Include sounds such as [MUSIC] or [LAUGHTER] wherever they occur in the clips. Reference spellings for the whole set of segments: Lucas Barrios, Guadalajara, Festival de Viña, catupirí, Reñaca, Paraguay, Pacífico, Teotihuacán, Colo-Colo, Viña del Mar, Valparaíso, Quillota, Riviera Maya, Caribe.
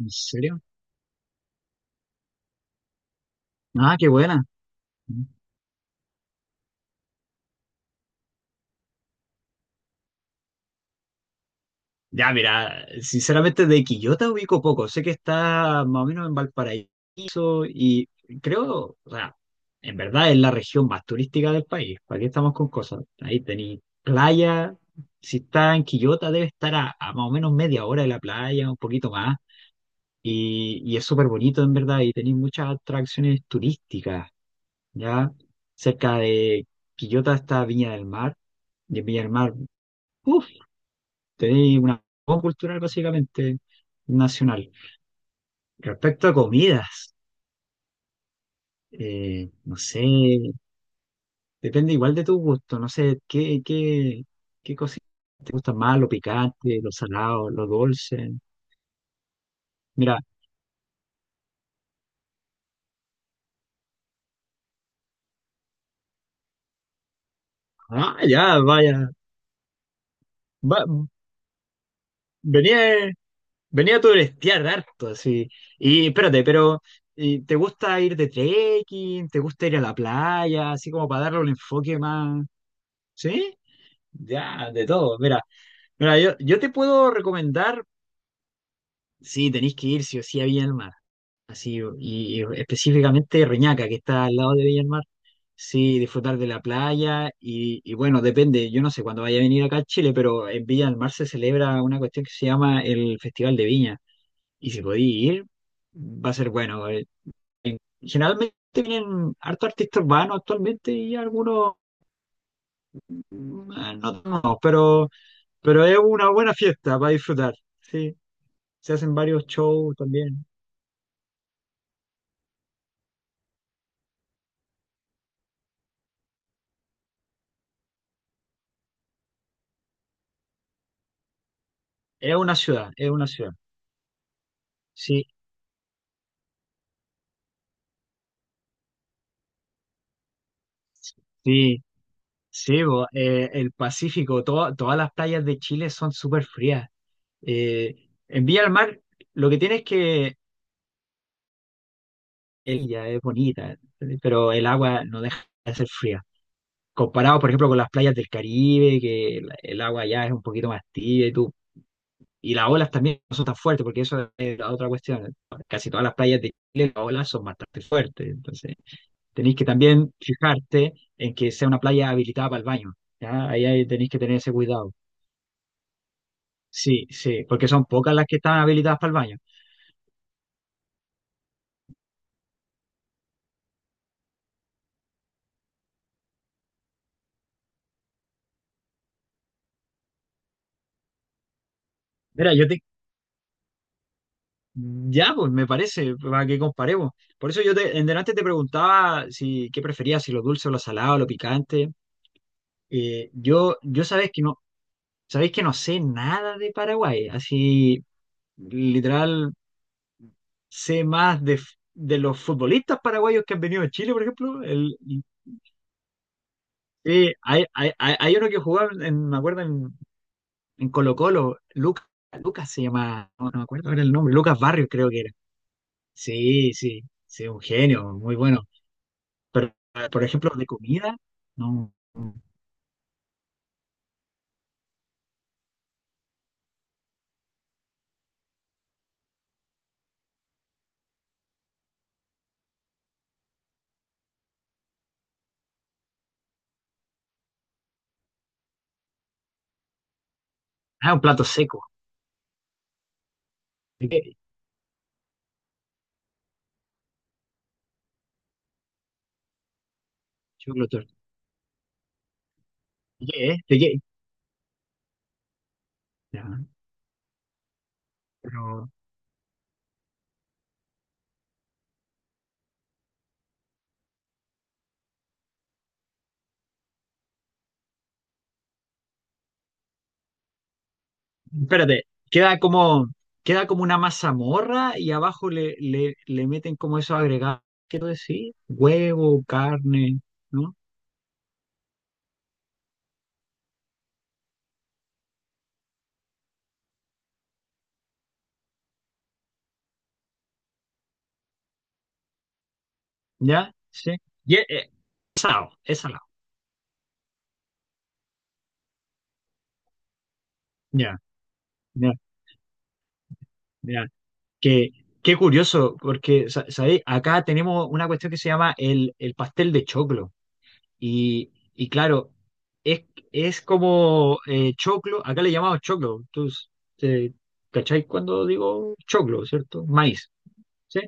¿En serio? Ah, qué buena. Ya, mira, sinceramente de Quillota ubico poco. Sé que está más o menos en Valparaíso y creo, o sea, en verdad es la región más turística del país. ¿Para qué estamos con cosas? Ahí tenéis playa. Si está en Quillota debe estar a más o menos media hora de la playa, un poquito más. Y es súper bonito en verdad y tenéis muchas atracciones turísticas, ¿ya? Cerca de Quillota está Viña del Mar. Y en Viña del Mar, tenéis una voz cultural básicamente nacional. Respecto a comidas, no sé, depende igual de tu gusto, no sé, qué cositas te gustan más, lo picante, lo salado, lo dulce. Mira, ah, ya, vaya, va- venía, venía a turistear harto, así. Y espérate, pero ¿y ¿te gusta ir de trekking? ¿Te gusta ir a la playa? Así como para darle un enfoque más, ¿sí? Ya, de todo, mira. Mira, yo te puedo recomendar, sí, tenéis que ir sí o sí a Viña del Mar, así, y específicamente Reñaca, que está al lado de Viña del Mar, sí, disfrutar de la playa, y bueno, depende, yo no sé cuándo vaya a venir acá a Chile, pero en Viña del Mar se celebra una cuestión que se llama el Festival de Viña, y si podéis ir, va a ser bueno. Generalmente vienen harto artistas urbanos actualmente y algunos, mm, no, no, pero es una buena fiesta para disfrutar, sí. Se hacen varios shows también. Es una ciudad, es una ciudad. Sí, sí, sí, bo, el Pacífico, todas las playas de Chile son súper frías. Eh, en Villa del Mar, lo que tiene es que el ya es bonita, pero el agua no deja de ser fría. Comparado, por ejemplo, con las playas del Caribe, que el agua ya es un poquito más tibia y tú. Y las olas también no son tan fuertes, porque eso es la otra cuestión. Casi todas las playas de Chile, las olas son bastante fuertes. Entonces, tenéis que también fijarte en que sea una playa habilitada para el baño. ¿Ya? Ahí tenéis que tener ese cuidado. Sí, sí, porque son pocas las que están habilitadas para el baño. Mira, yo te... Ya, pues me parece, para que comparemos. Por eso yo te, en delante te preguntaba si qué preferías, si lo dulce o lo salado, lo picante. Yo sabéis que no sé nada de Paraguay. Así, literal, sé más de, de los futbolistas paraguayos que han venido a Chile, por ejemplo. El, sí, hay uno que jugaba, en, me acuerdo, en Colo-Colo, Lucas, Lucas se llamaba, no, no me acuerdo ahora el nombre, Lucas Barrios creo que era. Sí, sí, sí, un genio, muy bueno. Pero, por ejemplo, de comida, no. Ah, un plato seco. ¿De qué? Choclo torta. ¿De qué? ¿Eh? ¿De qué? Ya, pero, espérate, queda como, queda como una mazamorra y abajo le meten como eso agregado, quiero decir, huevo, carne, ¿no? ¿Ya? Sí. Y, eh, esa es esa no. Ya, ya, ya. Que, qué curioso, porque, ¿sabéis? Acá tenemos una cuestión que se llama el pastel de choclo. Y claro, es, es como choclo, acá le llamamos choclo. Tú, eh, ¿cacháis cuando digo choclo, cierto? Maíz, ¿sí?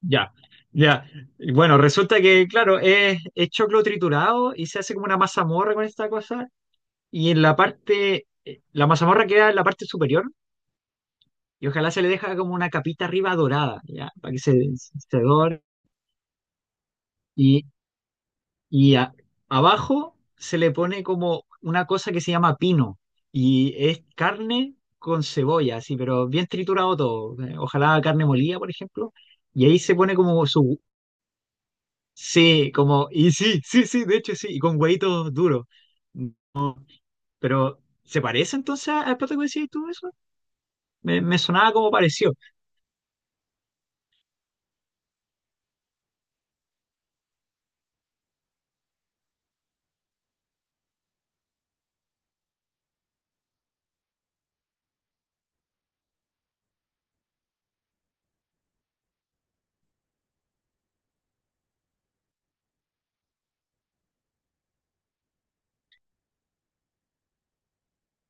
Ya, ya. Y bueno, resulta que, claro, es choclo triturado y se hace como una mazamorra con esta cosa. Y en la parte, la mazamorra queda en la parte superior y ojalá se le deja como una capita arriba dorada, ¿ya? Para que se dore. Y, y a- abajo se le pone como una cosa que se llama pino y es carne con cebolla, así, pero bien triturado todo. Ojalá carne molida, por ejemplo. Y ahí se pone como su... Sí, como... Y sí, sí, sí, de hecho sí, y con huevitos duros. Pero, ¿se parece entonces al plato que decías tú eso? Me sonaba como pareció.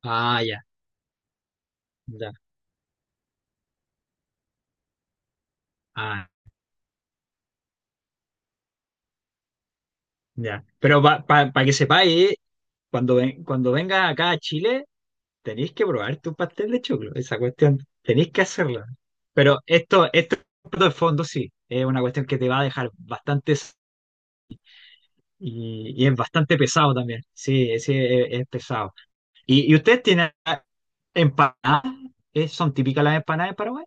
Ah, ya, ya. Ah, ya. Pero para que sepáis, cuando, cuando vengas acá a Chile, tenéis que probar tu pastel de choclo, esa cuestión. Tenéis que hacerla. Pero esto de fondo sí, es una cuestión que te va a dejar bastantes y es bastante pesado también. Sí, sí, es pesado. Y ustedes tienen empanadas? ¿Eh? ¿Son típicas las empanadas de Paraguay?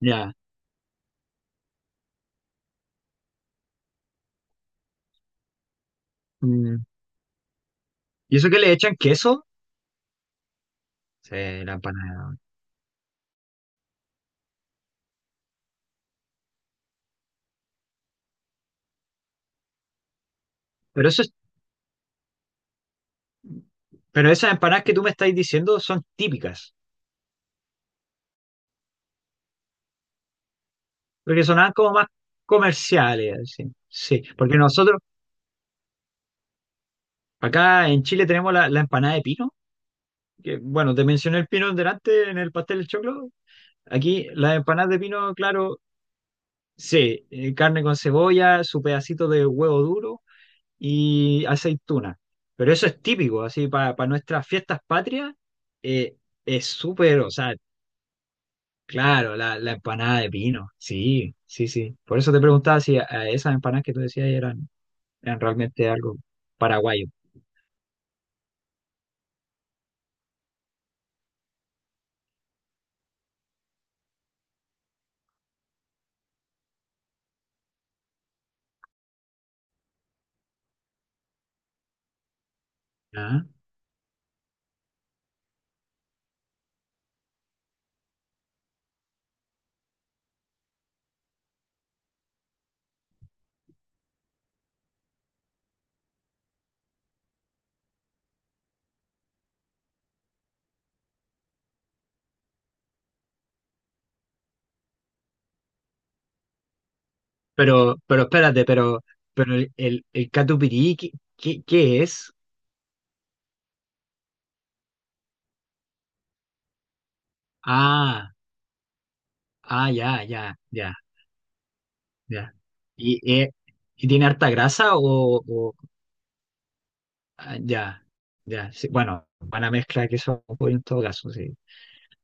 Ya. Mm. ¿Y eso que le echan queso? Sí, la empanada. Pero eso es- pero esas empanadas que tú me estás diciendo son típicas. Porque sonaban como más comerciales, así. Sí, porque nosotros acá en Chile tenemos la, la empanada de pino, que bueno, te mencioné el pino delante en el pastel de choclo. Aquí las empanadas de pino, claro, sí, carne con cebolla, su pedacito de huevo duro y aceituna. Pero eso es típico, así, para nuestras fiestas patrias, eh, es súper, o sea, claro, la empanada de pino, sí, sí, sí. Por eso te preguntaba si a esas empanadas que tú decías eran eran realmente algo paraguayo. Ah, pero espérate, pero el catupirí, ¿qué es? Ah, ah, ya. ¿Y, eh, ¿Y tiene harta grasa o, ah, ya, ya? Sí, bueno, buena mezcla de queso con pollo en todo caso, sí.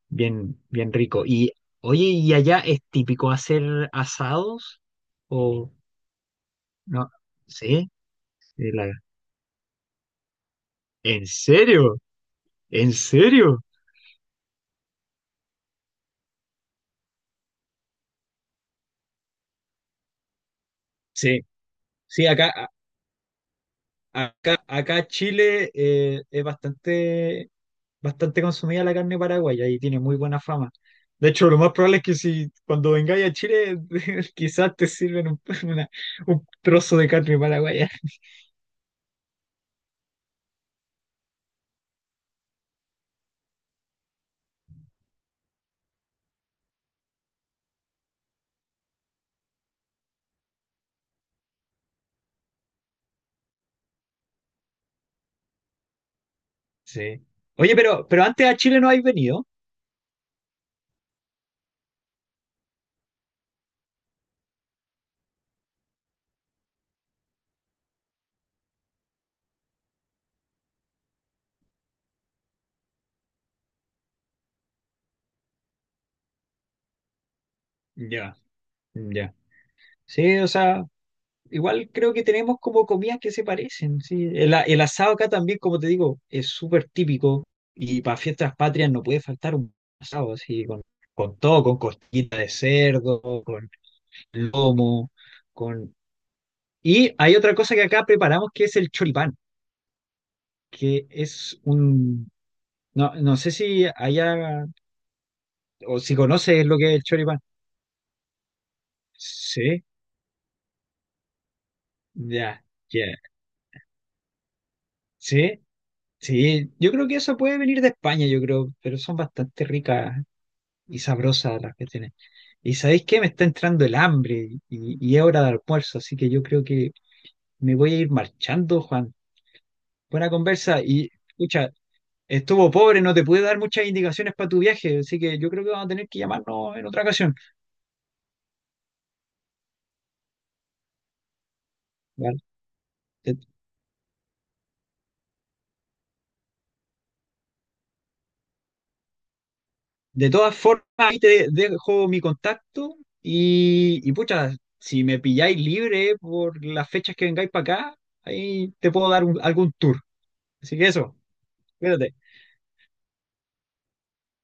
Bien, bien rico. Y, oye, ¿y allá es típico hacer asados? ¿O no? ¿Sí? Sí, la- ¿En serio? ¿En serio? Sí, sí, acá. Acá, acá Chile es bastante, bastante consumida la carne paraguaya y tiene muy buena fama. De hecho, lo más probable es que si cuando vengáis a Chile, [LAUGHS] quizás te sirven un, [LAUGHS] un trozo de carne paraguaya. Sí. Oye, pero antes a Chile no habéis venido. Ya, ya. Sí, o sea. Igual creo que tenemos como comidas que se parecen, ¿sí? El asado acá también, como te digo, es súper típico y para fiestas patrias no puede faltar un asado, así, con todo, con costillita de cerdo, con lomo, con... Y hay otra cosa que acá preparamos que es el choripán, que es un... No, no sé si allá o si conoces lo que es el choripán. Sí, ya, ya. Sí, sí. Yo creo que eso puede venir de España, yo creo, pero son bastante ricas y sabrosas las que tienen. ¿Y sabéis qué? Me está entrando el hambre y es hora de almuerzo, así que yo creo que me voy a ir marchando, Juan. Buena conversa y escucha, estuvo pobre, no te pude dar muchas indicaciones para tu viaje, así que yo creo que vamos a tener que llamarnos en otra ocasión. ¿Vale? De, de todas formas, ahí te dejo mi contacto y pucha, si me pilláis libre por las fechas que vengáis para acá, ahí te puedo dar algún tour. Así que eso, cuídate.